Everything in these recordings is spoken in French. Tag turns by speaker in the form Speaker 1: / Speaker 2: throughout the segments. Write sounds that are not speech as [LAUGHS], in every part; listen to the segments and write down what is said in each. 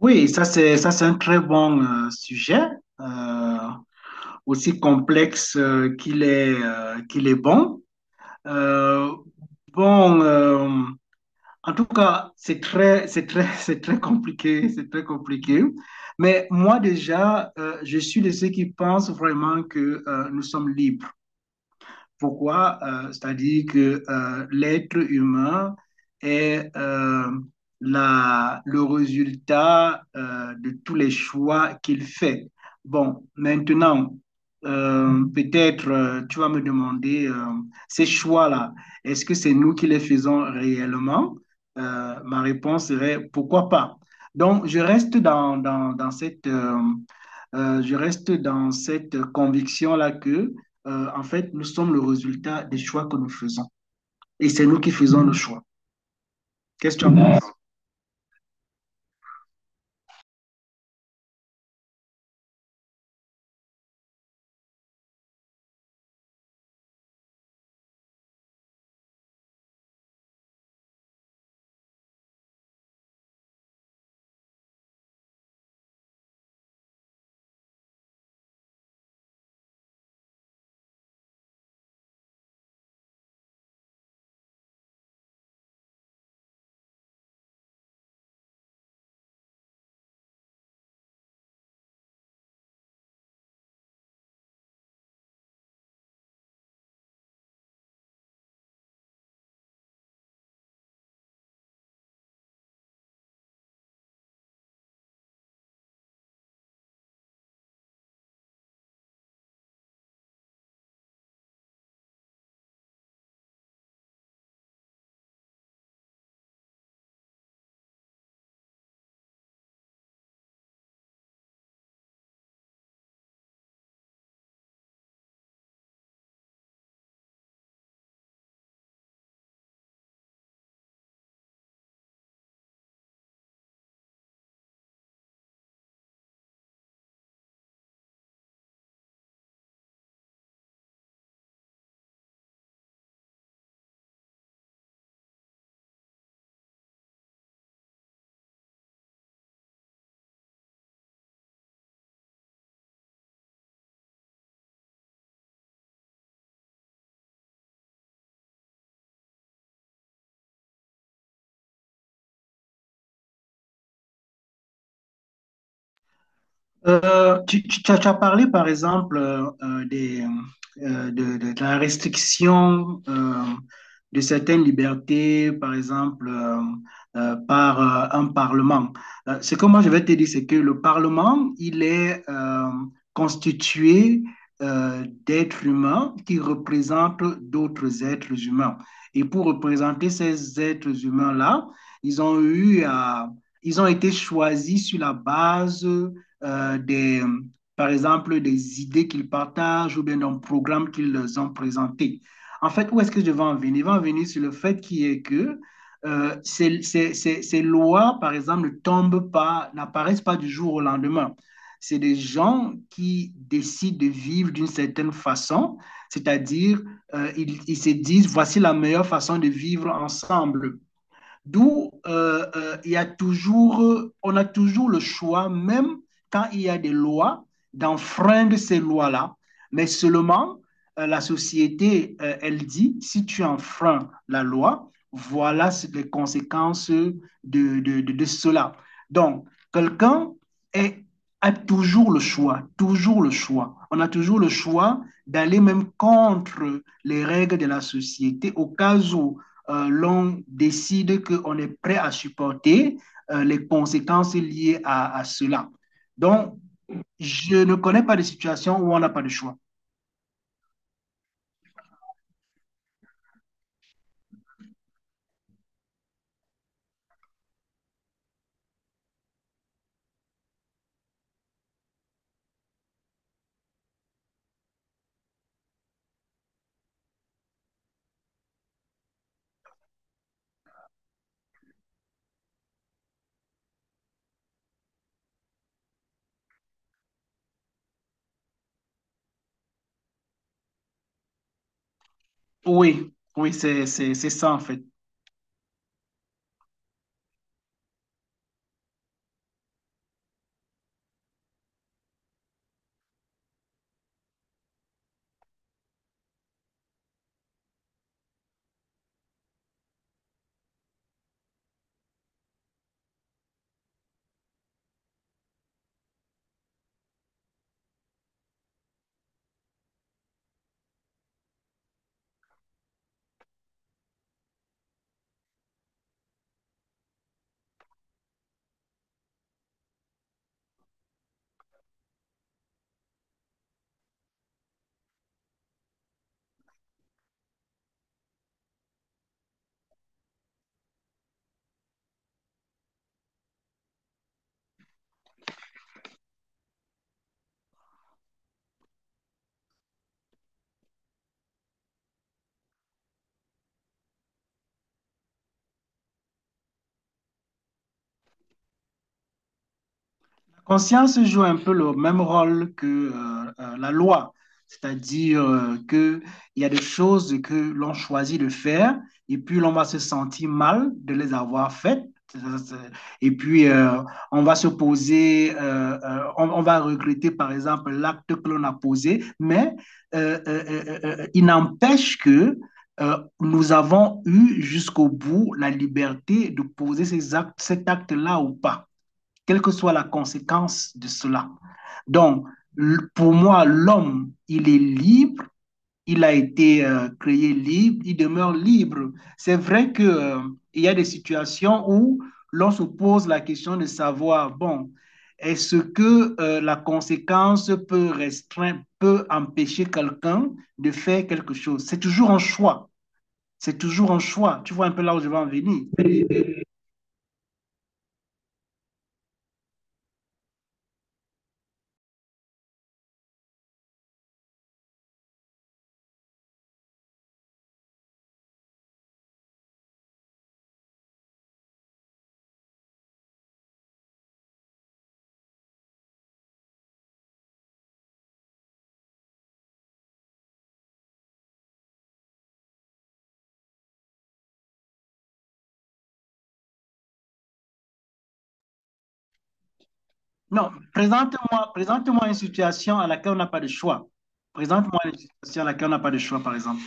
Speaker 1: Oui, ça c'est un très bon sujet, euh, aussi complexe qu'il est bon. Euh, bon, en tout cas, c'est très [LAUGHS] c'est très compliqué, c'est très compliqué. Mais moi déjà, je suis de ceux qui pensent vraiment que nous sommes libres. Pourquoi? C'est-à-dire que l'être humain est le résultat de tous les choix qu'il fait. Bon, maintenant, peut-être tu vas me demander ces choix-là, est-ce que c'est nous qui les faisons réellement? Ma réponse serait pourquoi pas. Donc, je reste dans, dans, dans cette, je reste dans cette conviction-là que en fait, nous sommes le résultat des choix que nous faisons. Et c'est nous qui faisons le choix. Qu'est-ce que tu en penses? Tu, tu- tu as parlé, par exemple, de la restriction de certaines libertés, par exemple, par un parlement. Ce que moi, je vais te dire, c'est que le parlement, il est constitué d'êtres humains qui représentent d'autres êtres humains. Et pour représenter ces êtres humains-là, ils ont eu à- ils ont été choisis sur la base euh, des, par exemple, des idées qu'ils partagent ou bien d'un programme qu'ils ont présenté. En fait, où est-ce que je vais en venir? Je vais en venir sur le fait qui est que ces lois, par exemple, ne tombent pas, n'apparaissent pas du jour au lendemain. C'est des gens qui décident de vivre d'une certaine façon, c'est-à-dire ils se disent, voici la meilleure façon de vivre ensemble. D'où il y a toujours, on a toujours le choix, même quand il y a des lois, d'enfreindre ces lois-là. Mais seulement, la société, elle dit, si tu enfreins la loi, voilà les conséquences de cela. Donc, quelqu'un est- a toujours le choix, toujours le choix. On a toujours le choix d'aller même contre les règles de la société au cas où l'on décide qu'on est prêt à supporter les conséquences liées à cela. Donc, je ne connais pas de situation où on n'a pas de choix. Oui, oui, c'est ça en fait. Conscience joue un peu le même rôle que la loi, c'est-à-dire que il y a des choses que l'on choisit de faire et puis l'on va se sentir mal de les avoir faites. Et puis, on va se poser, on va regretter par exemple l'acte que l'on a posé, mais il n'empêche que nous avons eu jusqu'au bout la liberté de poser cet acte-là ou pas, quelle que soit la conséquence de cela. Donc, pour moi, l'homme, il est libre, il a été créé libre, il demeure libre. C'est vrai qu'il y a des situations où l'on se pose la question de savoir, bon, est-ce que la conséquence peut restreindre, peut empêcher quelqu'un de faire quelque chose. C'est toujours un choix. C'est toujours un choix. Tu vois un peu là où je veux en venir. Non, présente-moi, présente-moi une situation à laquelle on n'a pas de choix. Présente-moi une situation à laquelle on n'a pas de choix, par exemple.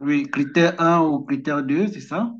Speaker 1: Oui, critère un ou critère 2, c'est ça?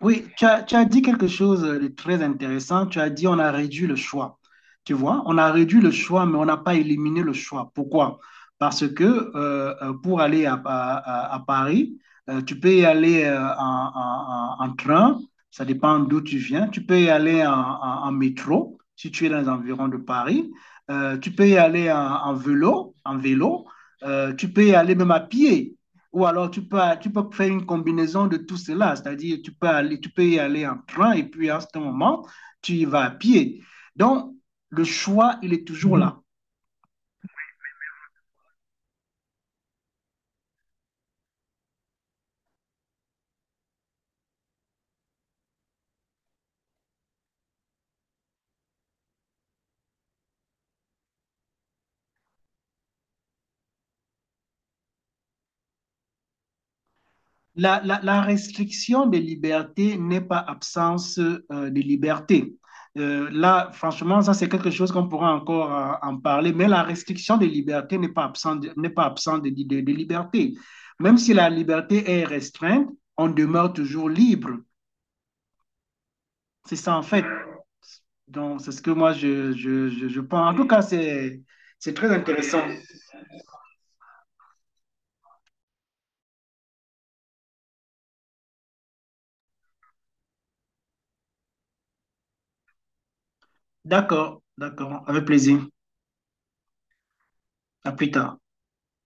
Speaker 1: Oui, tu as dit quelque chose de très intéressant. Tu as dit on a réduit le choix. Tu vois, on a réduit le choix, mais on n'a pas éliminé le choix. Pourquoi? Parce que pour aller à Paris, tu peux y aller en train, ça dépend d'où tu viens. Tu peux y aller en métro, si tu es dans les environs de Paris. Tu peux y aller en vélo, en vélo. Tu peux y aller même à pied. Ou alors tu peux faire une combinaison de tout cela, c'est-à-dire tu peux y aller en train et puis à ce moment, tu y vas à pied. Donc, le choix, il est toujours là. La la restriction des libertés n'est pas absence de liberté. Là, franchement, ça, c'est quelque chose qu'on pourra encore en parler, mais la restriction des libertés n'est pas absente, n'est pas absente de de liberté. Même si la liberté est restreinte, on demeure toujours libre. C'est ça, en fait. Donc, c'est ce que moi, je pense. En tout cas, c'est très intéressant. D'accord, d'accord, avec plaisir. À plus tard.